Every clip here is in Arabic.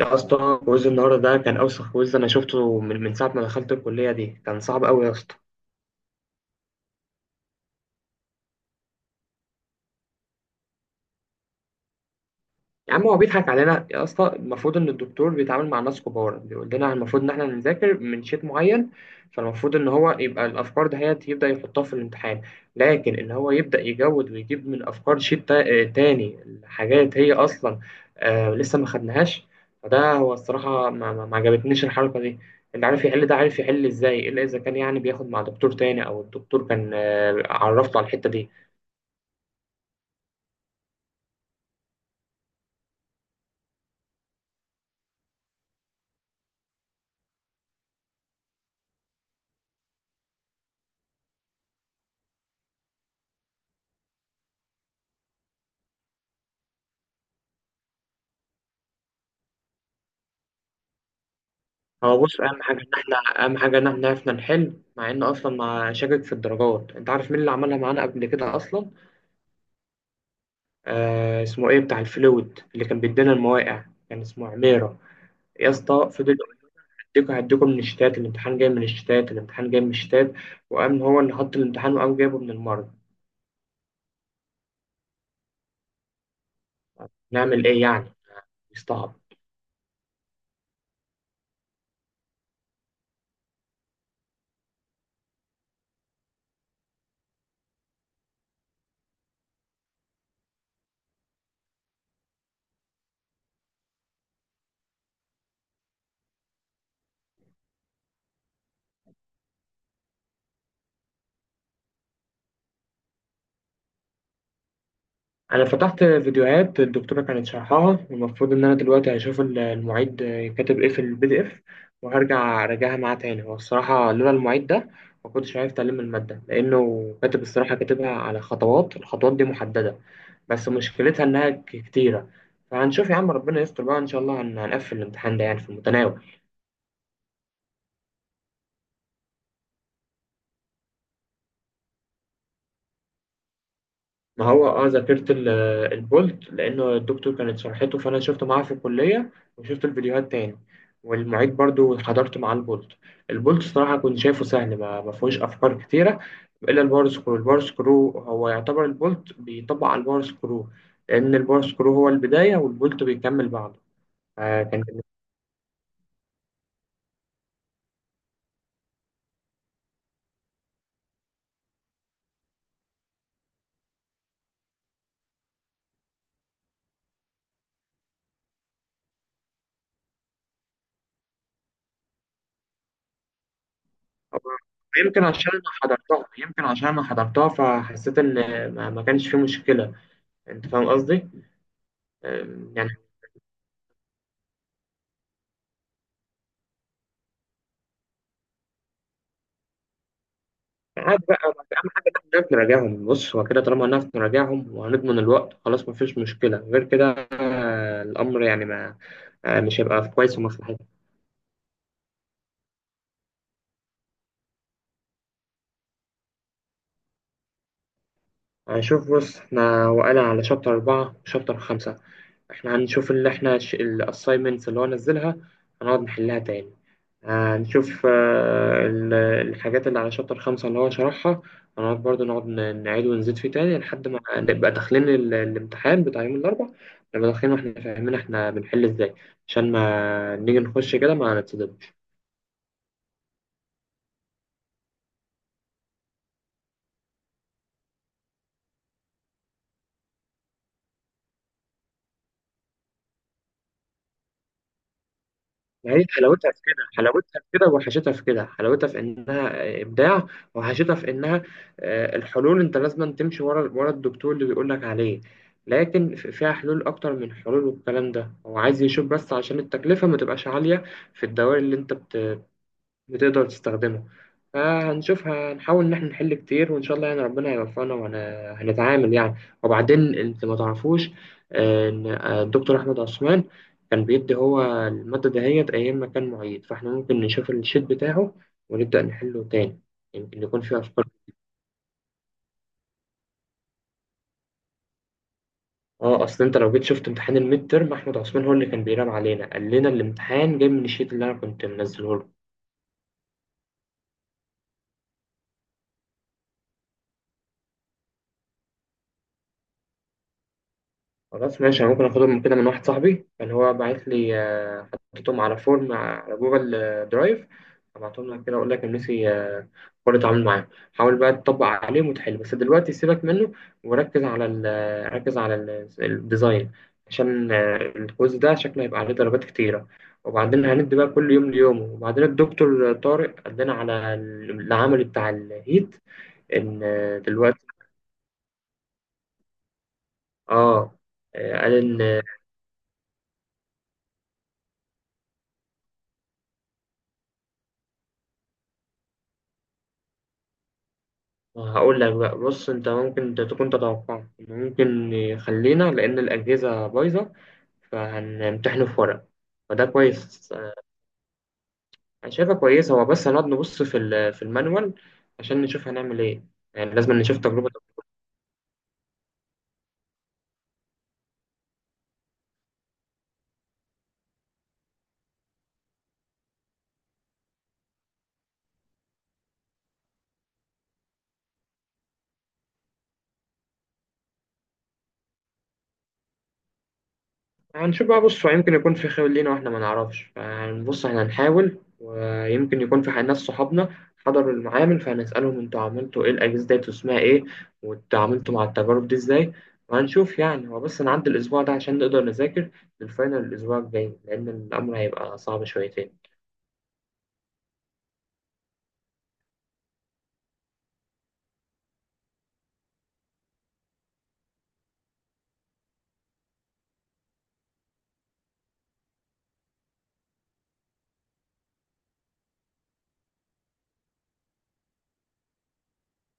يا اسطى، كويز النهارده ده كان اوسخ كويز انا شفته من ساعه ما دخلت الكليه دي. كان صعب قوي يا اسطى. يا عم هو بيضحك علينا يا اسطى. المفروض ان الدكتور بيتعامل مع ناس كبار، بيقول لنا المفروض ان احنا نذاكر من شيت معين، فالمفروض ان هو يبقى الافكار ده هي يبدا يحطها في الامتحان. لكن ان هو يبدا يجود ويجيب من افكار شيت تاني، حاجات هي اصلا آه لسه ما خدناهاش. فده هو الصراحه ما عجبتنيش الحركه دي. اللي عارف يحل ده عارف يحل ازاي الا اذا كان يعني بياخد مع دكتور تاني او الدكتور كان عرفته على الحته دي. هو بص، اهم حاجه ان احنا عرفنا نحل، مع ان اصلا ما شاكك في الدرجات. انت عارف مين اللي عملها معانا قبل كده اصلا؟ اسمه ايه بتاع الفلويد اللي كان بيدينا المواقع. كان اسمه عميره. يا اسطى فضل يقول: هديكوا هديكوا من الشتات، الامتحان جاي من الشتات، الامتحان جاي من الشتات. وقام هو اللي حط الامتحان وقام جايبه من المرض. نعمل ايه يعني؟ يستعبط. انا فتحت فيديوهات الدكتوره كانت شرحها، والمفروض ان انا دلوقتي هشوف المعيد كاتب ايه في البي دي اف، وهرجع اراجعها معاه تاني. هو الصراحه لولا المعيد ده ما كنتش عرفت الماده، لانه كاتب الصراحه كاتبها على خطوات. الخطوات دي محدده بس مشكلتها انها كتيره. فهنشوف يا عم، ربنا يستر بقى، ان شاء الله هنقفل الامتحان ده يعني في المتناول. ما هو اه ذاكرت البولت، لانه الدكتور كانت شرحته فانا شفته معاه في الكليه، وشفت الفيديوهات تاني، والمعيد برضو حضرت معاه البولت. البولت الصراحه كنت شايفه سهل، ما فيهوش افكار كتيره. الا البار سكرو. البار سكرو هو يعتبر البولت بيطبق على البار سكرو، لان البار سكرو هو البدايه والبولت بيكمل بعده. فكان يمكن عشان انا حضرتها فحسيت ان ما كانش في مشكله. انت فاهم قصدي؟ يعني. عاد بقى، بس اهم حاجه ان احنا نعرف نراجعهم. بص هو كده، طالما هنعرف نراجعهم وهنضمن الوقت خلاص مفيش مشكله. غير كده الامر يعني ما مش هيبقى في كويس ومصلحتنا. هنشوف. بص احنا وقعنا على شابتر أربعة وشابتر خمسة. احنا هنشوف اللي احنا الأسايمنتس اللي هو نزلها، هنقعد نحلها تاني. هنشوف الحاجات اللي على شابتر خمسة اللي هو شرحها، هنقعد برضه نقعد نعيد ونزيد فيه تاني لحد ما نبقى داخلين الامتحان بتاع يوم الأربع. نبقى داخلين واحنا فاهمين احنا بنحل ازاي، عشان ما نيجي نخش كده ما نتصدمش. ما هي حلاوتها في كده، حلاوتها في كده، وحشتها في كده. حلاوتها في انها ابداع، وحشتها في انها الحلول انت لازم تمشي ورا ورا الدكتور اللي بيقول لك عليه. لكن فيها حلول اكتر من حلول، والكلام ده هو عايز يشوف بس عشان التكلفة ما تبقاش عالية في الدوائر اللي انت بتقدر تستخدمه. آه هنشوفها، هنحاول إن إحنا نحل كتير، وإن شاء الله يعني ربنا يوفقنا وهنتعامل يعني. وبعدين أنت ما تعرفوش إن الدكتور أحمد عثمان كان بيدي هو المادة دهيت أيام ما كان معيد، فإحنا ممكن نشوف الشيت بتاعه ونبدأ نحله تاني. يمكن يكون فيه أفكار. اه اصل انت لو جيت شفت امتحان الميد ترم، احمد عثمان هو اللي كان بيراقب علينا. قال لنا الامتحان جاي من الشيت اللي انا كنت منزله له. خلاص ماشي، انا ممكن اخده من كده، من واحد صاحبي كان هو باعت لي. حطيتهم على فورم على جوجل درايف. هبعتهم لك كده، اقول لك النسي قرر اتعامل معاه. حاول بقى تطبق عليهم وتحل. بس دلوقتي سيبك منه وركز على ال ركز على ال- الديزاين، عشان الكويز ده شكله هيبقى عليه درجات كتيرة. وبعدين هندي بقى كل يوم ليومه. وبعدين الدكتور طارق قال على العمل بتاع الهيت ان دلوقتي. اه قال ان. هقول لك بقى. بص انت ممكن تكون تتوقع انه ممكن يخلينا، لان الاجهزه بايظه، فهنمتحنه في ورق. فده كويس. انا شايفها كويس. هو بس هنقعد نبص في في المانوال عشان نشوف هنعمل ايه. يعني لازم نشوف تجربه. هنشوف بقى. بص هو يمكن يكون في خير لينا واحنا ما نعرفش. فبص احنا هنحاول، ويمكن يكون في ناس صحابنا حضروا المعامل فهنسألهم انتوا عملتوا ايه، الأجهزة ديت واسمها ايه، وتعاملتوا مع التجارب دي ازاي. وهنشوف يعني. هو بس نعدي الأسبوع ده عشان نقدر نذاكر للفاينل الأسبوع الجاي، لأن الأمر هيبقى صعب شويتين.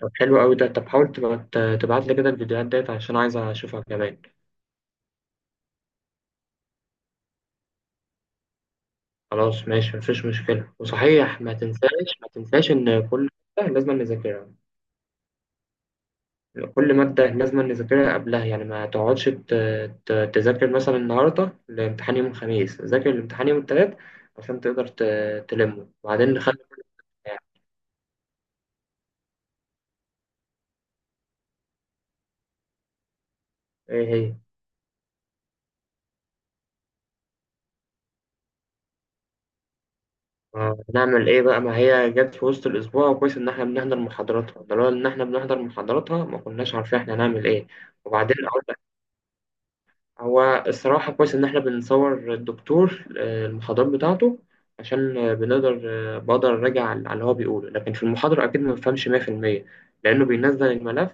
طب حلو قوي ده. طب حاول تبقى تبعت لي كده الفيديوهات ديت عشان عايز أشوفها كمان. خلاص ماشي مفيش مشكلة. وصحيح، ما تنساش. ما تنساش إن كل حاجة لازم نذاكرها. كل مادة لازم نذاكرها قبلها يعني، ما تقعدش تذاكر مثلا النهاردة الامتحان يوم الخميس، ذاكر الامتحان يوم التلات عشان تقدر تلمه، وبعدين نخلي. ايه هي؟ ما نعمل ايه بقى، ما هي جت في وسط الاسبوع. كويس ان احنا بنحضر محاضراتها، ده لولا ان احنا بنحضر محاضراتها ما كناش عارفين احنا هنعمل ايه. وبعدين هو الصراحة كويس إن إحنا بنصور الدكتور المحاضرات بتاعته عشان بنقدر بقدر أراجع على اللي هو بيقوله. لكن في المحاضرة أكيد ما بفهمش 100% لأنه بينزل الملف.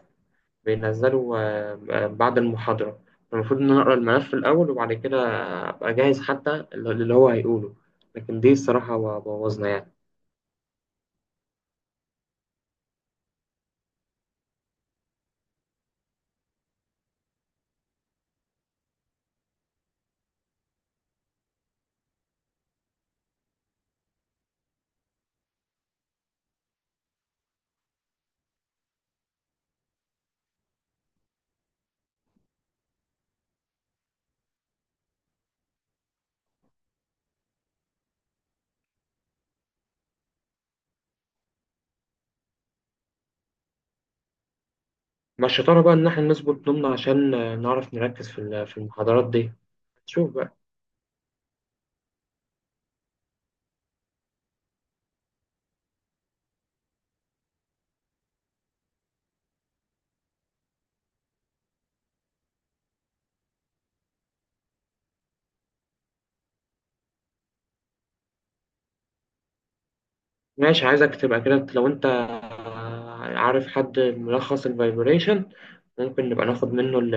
بينزله بعد المحاضرة. المفروض إن أنا أقرأ الملف الأول وبعد كده أبقى جاهز حتى اللي هو هيقوله، لكن دي الصراحة بوظنا يعني. مع الشطارة بقى إن إحنا نظبط نومنا عشان نعرف نركز في في المحاضرات دي. شوف. ماشي، عايزك تبقى كده. لو انت عارف حد ملخص الفايبريشن ممكن نبقى ناخد منه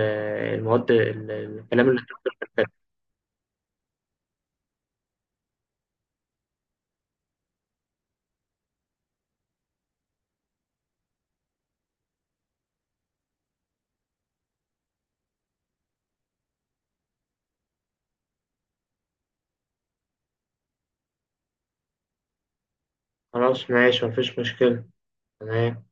المواد الكلام اللي هتكتب في الكتاب. خلاص ماشي مفيش مشكلة. تمام.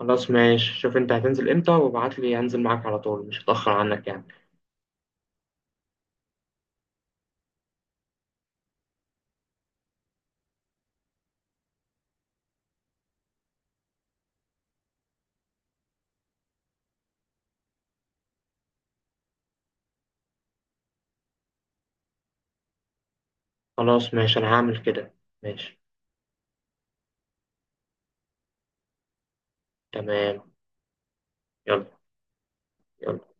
خلاص ماشي. شوف انت هتنزل امتى وابعت لي، هنزل معاك على طول مش هتأخر عنك يعني. خلاص ماشي، انا هعمل كده. ماشي. تمام. يلا. يلا.